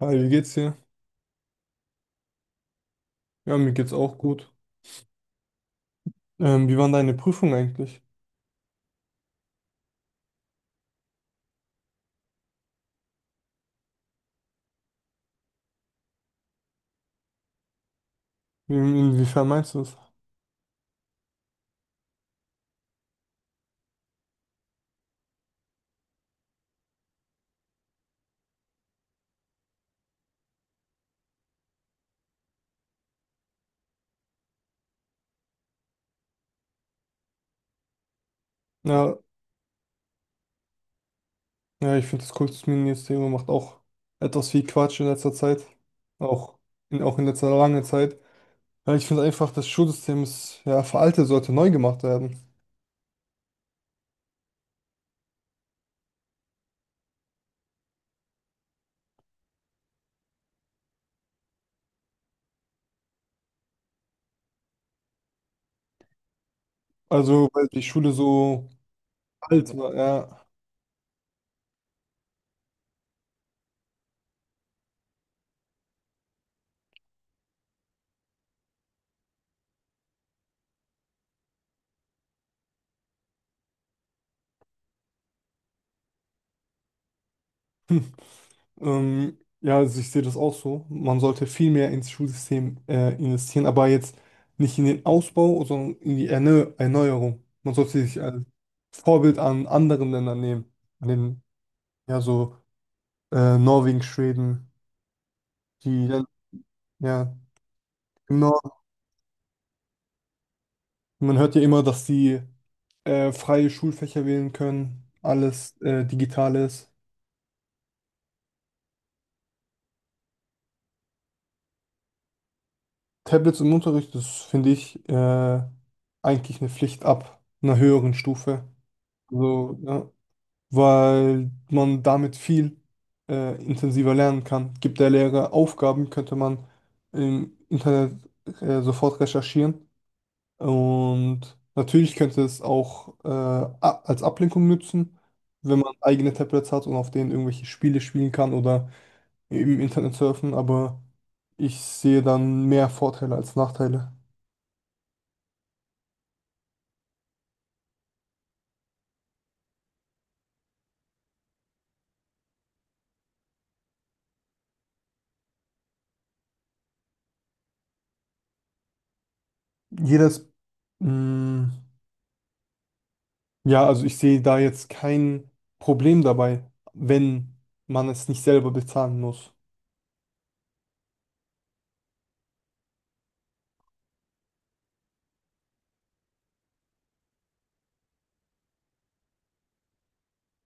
Hi, wie geht's dir? Ja, mir geht's auch gut. Wie waren deine Prüfungen eigentlich? Inwiefern meinst du es? Ja, ja, ich finde, das Kultusministerium macht auch etwas viel Quatsch in letzter Zeit. Auch auch in letzter lange Zeit. Ja, ich finde einfach, das Schulsystem ist ja veraltet, sollte neu gemacht werden. Also, weil die Schule so alt war, ja. Ja, also ich sehe das auch so. Man sollte viel mehr ins Schulsystem investieren, aber jetzt nicht in den Ausbau, sondern in die Erneuerung. Man sollte sich als Vorbild an anderen Ländern nehmen, an den, ja, so Norwegen, Schweden, die dann, ja, im Norden. Man hört ja immer, dass die freie Schulfächer wählen können, alles digital ist. Tablets im Unterricht, das finde ich eigentlich eine Pflicht ab einer höheren Stufe. Also, ja, weil man damit viel intensiver lernen kann. Gibt der Lehrer Aufgaben, könnte man im Internet sofort recherchieren. Und natürlich könnte es auch als Ablenkung nützen, wenn man eigene Tablets hat und auf denen irgendwelche Spiele spielen kann oder im Internet surfen, aber ich sehe dann mehr Vorteile als Nachteile. Jedes, mm, Ja, also ich sehe da jetzt kein Problem dabei, wenn man es nicht selber bezahlen muss.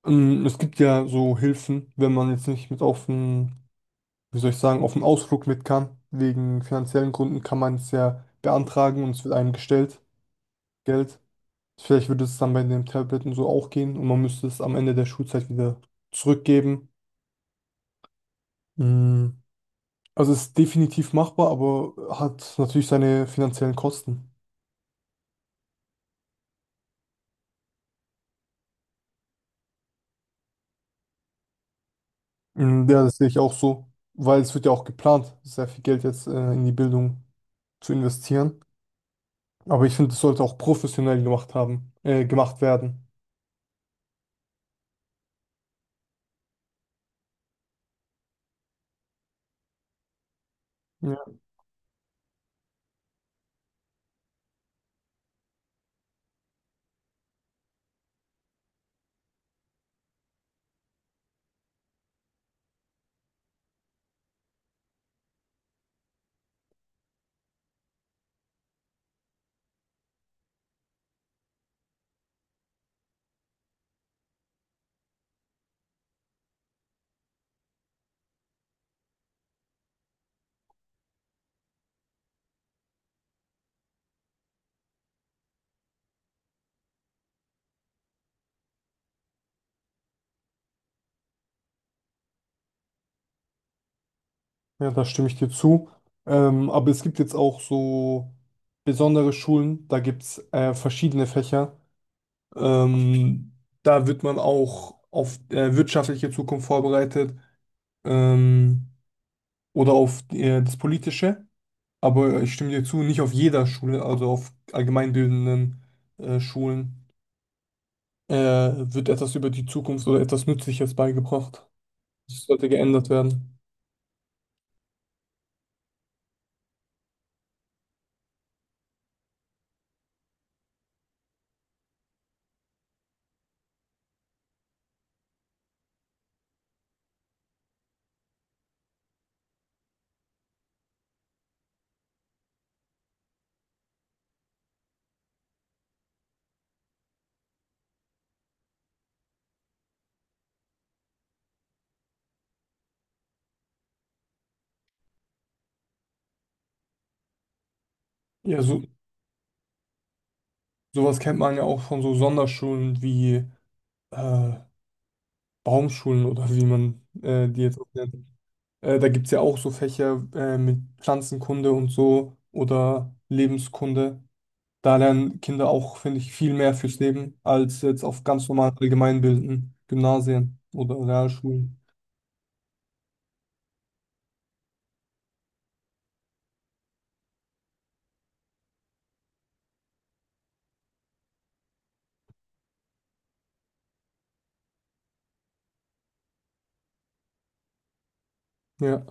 Es gibt ja so Hilfen, wenn man jetzt nicht mit auf den, wie soll ich sagen, auf den Ausflug mit kann. Wegen finanziellen Gründen kann man es ja beantragen und es wird einem gestellt, Geld. Vielleicht würde es dann bei den Tabletten so auch gehen und man müsste es am Ende der Schulzeit wieder zurückgeben. Mm, Also es ist definitiv machbar, aber hat natürlich seine finanziellen Kosten. Ja, das sehe ich auch so, weil es wird ja auch geplant, sehr viel Geld jetzt in die Bildung zu investieren. Aber ich finde, es sollte auch professionell gemacht werden. Ja, ja, da stimme ich dir zu. Aber es gibt jetzt auch so besondere Schulen, da gibt es verschiedene Fächer. Ähm, Da wird man auch auf wirtschaftliche Zukunft vorbereitet ähm, oder auf das Politische. Aber ich stimme dir zu, nicht auf jeder Schule, also auf allgemeinbildenden Schulen, wird etwas über die Zukunft oder etwas Nützliches beigebracht. Das sollte geändert werden. Ja, so, sowas kennt man ja auch von so Sonderschulen wie äh, Baumschulen oder wie man die jetzt auch nennt. Da gibt es ja auch so Fächer mit Pflanzenkunde und so oder Lebenskunde. Da lernen Kinder auch, finde ich, viel mehr fürs Leben als jetzt auf ganz normalen allgemeinbildenden Gymnasien oder Realschulen. Ja.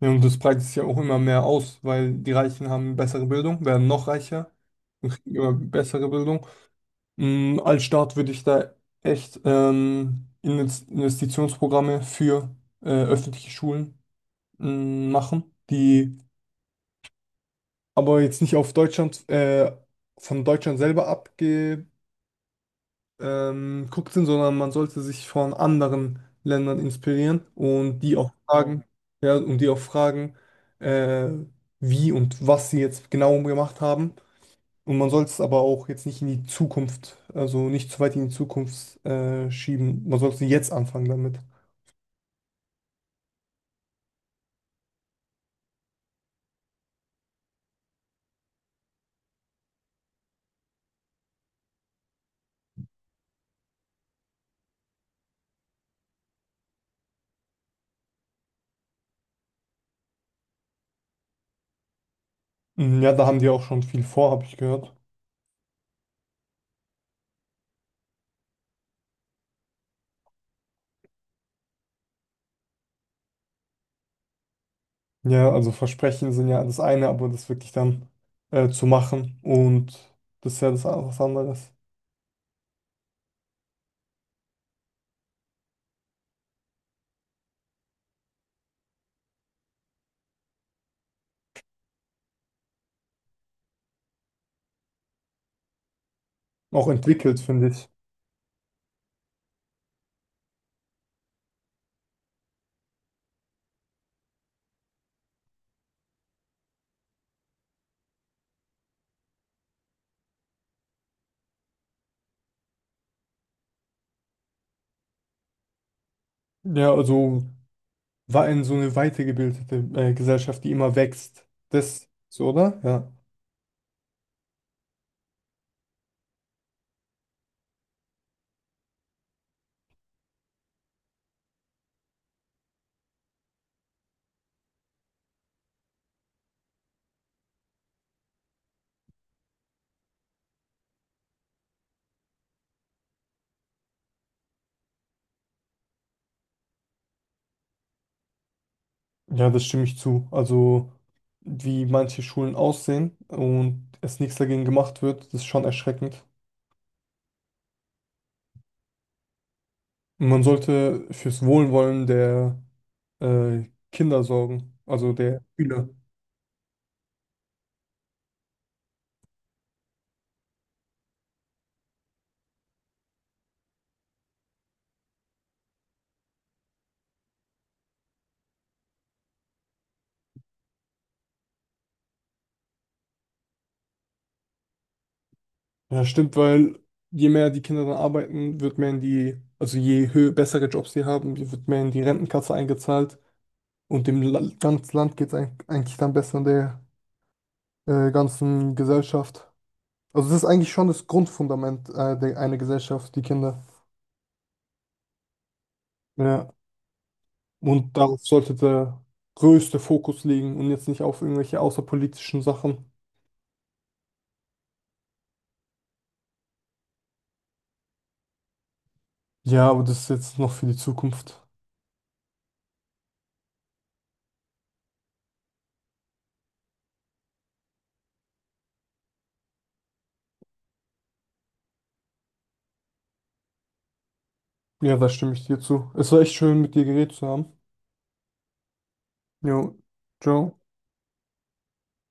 Ja, und das breitet sich ja auch immer mehr aus, weil die Reichen haben bessere Bildung, werden noch reicher und kriegen immer bessere Bildung. Als Staat würde ich da echt Investitionsprogramme für öffentliche Schulen machen, die aber jetzt nicht auf Deutschland, von Deutschland selber abge guckt sind, sondern man sollte sich von anderen Ländern inspirieren und die auch Genau. fragen, ja, und die auch fragen, äh, wie und was sie jetzt genau gemacht haben. Und man soll es aber auch jetzt nicht in die Zukunft, also nicht zu weit in die Zukunft schieben. Man sollte jetzt anfangen damit. Ja, da haben die auch schon viel vor, habe ich gehört. Ja, also Versprechen sind ja das eine, aber das wirklich dann zu machen und das ist ja das was anderes. Auch entwickelt, finde ich. Ja, also war in so eine weitergebildete Gesellschaft, die immer wächst. Das so, oder? Ja. Ja, das stimme ich zu. Also, wie manche Schulen aussehen und es nichts dagegen gemacht wird, das ist schon erschreckend. Und man sollte fürs Wohlwollen der äh, Kinder sorgen, also der Schüler. Ja, stimmt, weil je mehr die Kinder dann arbeiten, wird mehr in die, also je höher, bessere Jobs sie haben, wird mehr in die Rentenkasse eingezahlt. Und dem La ganzen Land geht es eigentlich dann besser. Der ganzen Gesellschaft. Also das ist eigentlich schon das Grundfundament einer Gesellschaft, die Kinder. Ja. Und darauf sollte der größte Fokus liegen und jetzt nicht auf irgendwelche außerpolitischen Sachen. Ja, aber das ist jetzt noch für die Zukunft. Ja, da stimme ich dir zu. Es war echt schön, mit dir geredet zu haben. Jo, ciao.